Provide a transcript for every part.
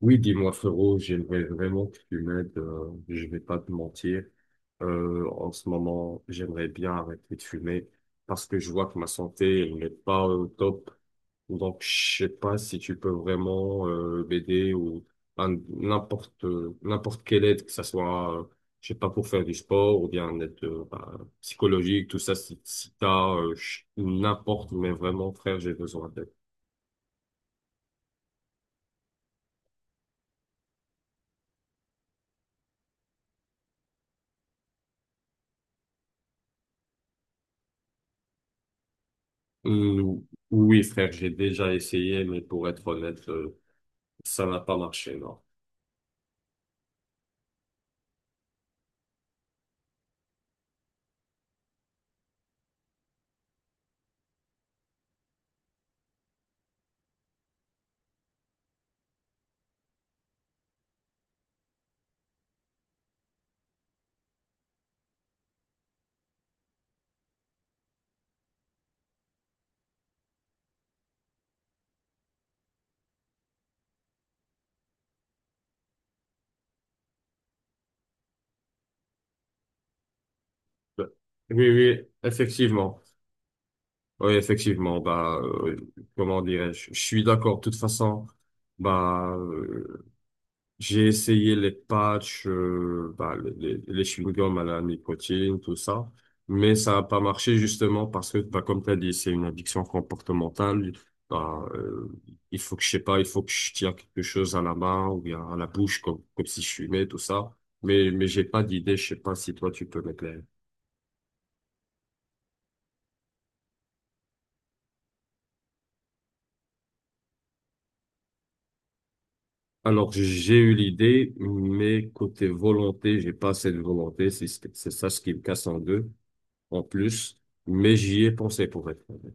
Oui, dis-moi frérot, j'aimerais vraiment que tu m'aides, je vais pas te mentir. En ce moment, j'aimerais bien arrêter de fumer parce que je vois que ma santé elle n'est pas au top. Donc, je sais pas si tu peux vraiment m'aider ou n'importe n'importe quelle aide, que ça soit, je sais pas, pour faire du sport ou bien une aide psychologique, tout ça, si t'as n'importe, mais vraiment frère, j'ai besoin d'aide. Euh, oui, frère, j'ai déjà essayé, mais pour être honnête, ça n'a pas marché, non. Bah, oui, oui, effectivement. Oui, effectivement. Comment dirais-je? Je suis d'accord. De toute façon, bah, euh, j'ai essayé les patchs, les chewing-gums à la nicotine, tout ça, mais ça n'a pas marché justement parce que, bah, comme tu as dit, c'est une addiction comportementale. Bah, euh, il faut que je sais pas, il faut que je tiens quelque chose à la main ou bien à la bouche comme si je fumais, tout ça. Mais j'ai pas d'idée, je sais pas si toi tu peux m'éclairer. Alors, j'ai eu l'idée, mais côté volonté, j'ai pas assez de volonté, c'est ça ce qui me casse en deux, en plus, mais j'y ai pensé pour être honnête.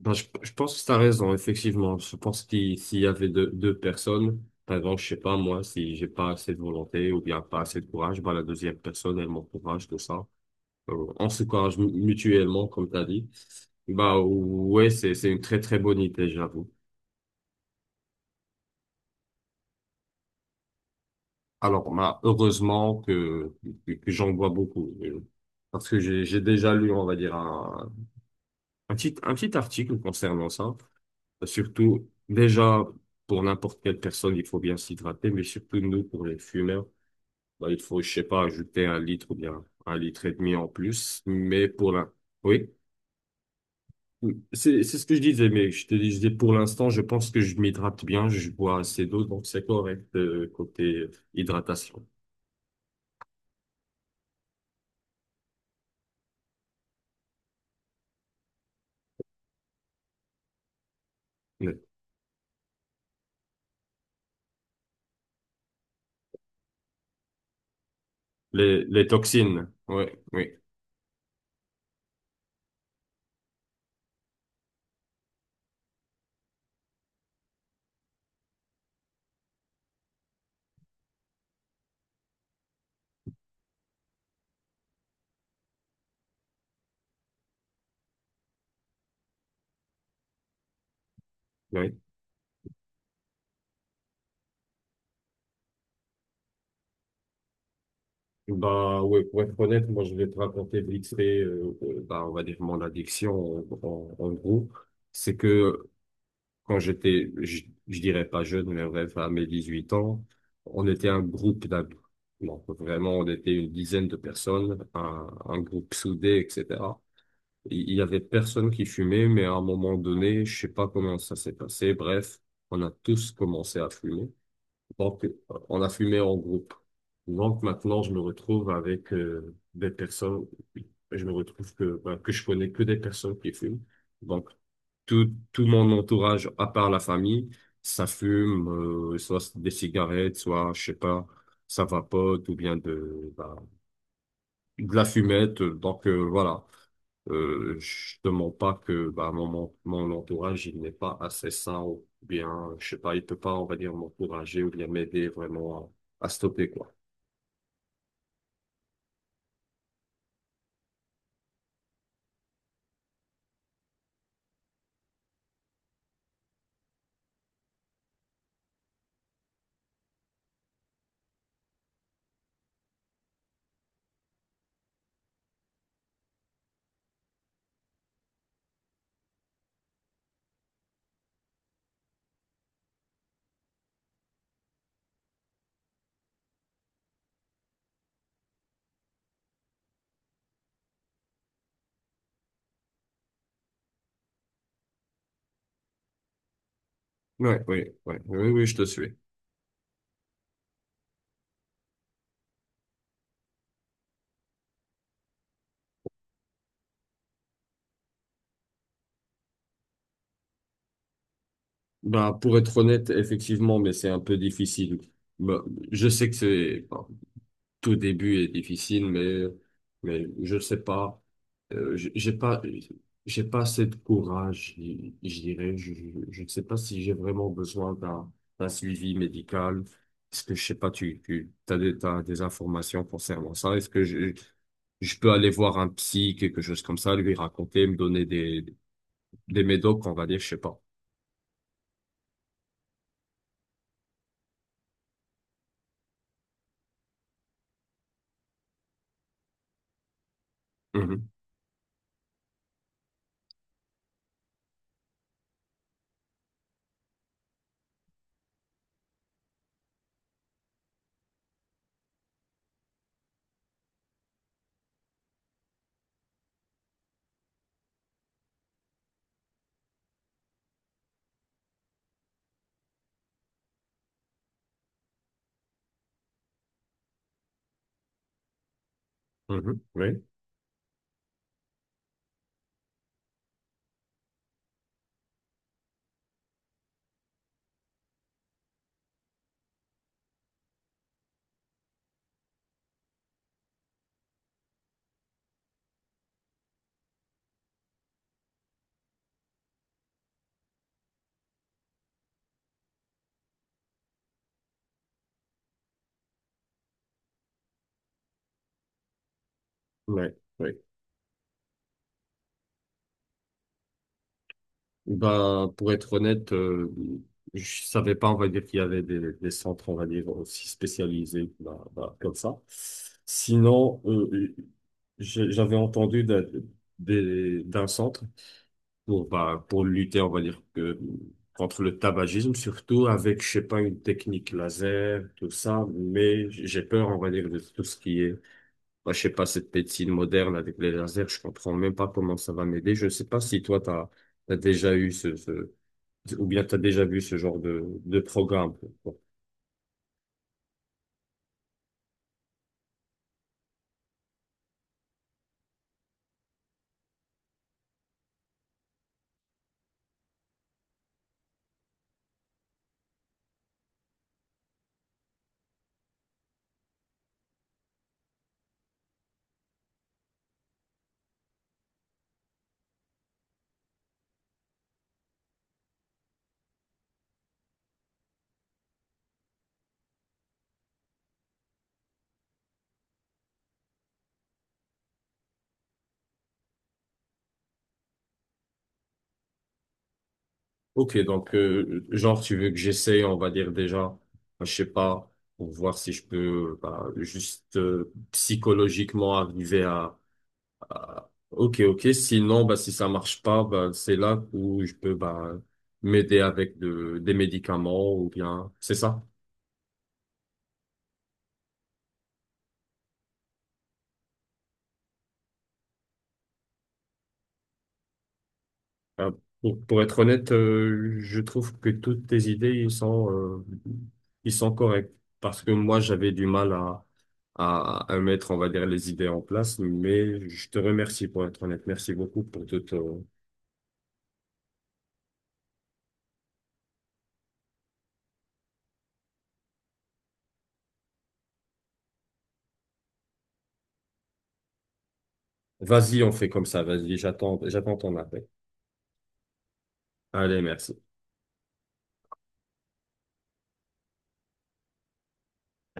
Ben, je pense que tu as raison, effectivement. Je pense qu'il s'il y avait deux personnes, par exemple, je sais pas, moi, si j'ai pas assez de volonté ou bien pas assez de courage, ben, la deuxième personne, elle m'encourage, tout ça. On s'encourage mutuellement, comme tu as dit. Bah, ouais, c'est une très, très bonne idée, j'avoue. Alors, bah, heureusement que j'en vois beaucoup. Parce que j'ai déjà lu, on va dire, un petit article concernant ça. Surtout, déjà, pour n'importe quelle personne, il faut bien s'hydrater, mais surtout nous, pour les fumeurs, bah, il faut, je sais pas, ajouter un litre ou bien un litre et demi en plus. Mais pour la... Oui, c'est ce que je disais, mais je te disais, pour l'instant, je pense que je m'hydrate bien, je bois assez d'eau, donc c'est correct, côté hydratation. Les toxines, ouais, oui, oui. Bah ouais, pour être honnête, moi je vais te raconter vite fait, bah, on va dire mon addiction en gros c'est que quand je dirais pas jeune, mais bref, à mes 18 ans, on était un groupe d'amis. Donc, vraiment, on était une dizaine de personnes, un groupe soudé, etc. Il y avait personne qui fumait, mais à un moment donné, je sais pas comment ça s'est passé. Bref, on a tous commencé à fumer. Donc, on a fumé en groupe. Donc, maintenant, je me retrouve avec des personnes, je me retrouve que, ben, que je connais que des personnes qui fument. Donc, tout mon entourage, à part la famille, ça fume, soit des cigarettes, soit, je sais pas, ça vapote, ou bien de, bah, de la fumette. Donc voilà, je te mens pas que bah, mon entourage, il n'est pas assez sain ou bien, je sais pas, il peut pas, on va dire, m'encourager ou bien m'aider vraiment à stopper, quoi. Ouais, oui, oui, oui, oui, je te suis. Bah, pour être honnête, effectivement, mais c'est un peu difficile. Bah, je sais que c'est, enfin, tout début est difficile, mais je sais pas. J'ai pas, j'ai pas assez de courage, je dirais. Je ne sais pas si j'ai vraiment besoin d'un suivi médical. Est-ce que, je sais pas, t'as des informations concernant ça? Est-ce que je peux aller voir un psy, quelque chose comme ça, lui raconter, me donner des médocs, on va dire, je sais pas. Mhm, mhm, oui, oui, oui. Bah, pour être honnête, je savais pas, on va dire, qu'il y avait des centres, on va dire, aussi spécialisés, bah, bah, comme ça. Sinon, j'avais entendu d'un d'un centre pour, bah, pour lutter, on va dire, que, contre le tabagisme, surtout avec, je sais pas, une technique laser, tout ça, mais j'ai peur, on va dire, de tout ce qui est, bah, je sais pas, cette médecine moderne avec les lasers, je comprends même pas comment ça va m'aider. Je sais pas si toi, t'as déjà eu ce ou bien tu as déjà vu ce genre de programme. Quoi. Ok, donc genre tu veux que j'essaie, on va dire déjà, je sais pas, pour voir si je peux bah, juste psychologiquement arriver à- Ok, ok, sinon bah, si ça marche pas, bah, c'est là où je peux bah, m'aider avec de, des médicaments ou bien... C'est ça? Ah, pour être honnête, je trouve que toutes tes idées, ils sont corrects. Parce que moi, j'avais du mal à mettre, on va dire, les idées en place. Mais je te remercie pour être honnête. Merci beaucoup pour tout. Vas-y, on fait comme ça. Vas-y, j'attends ton appel. Allez, merci.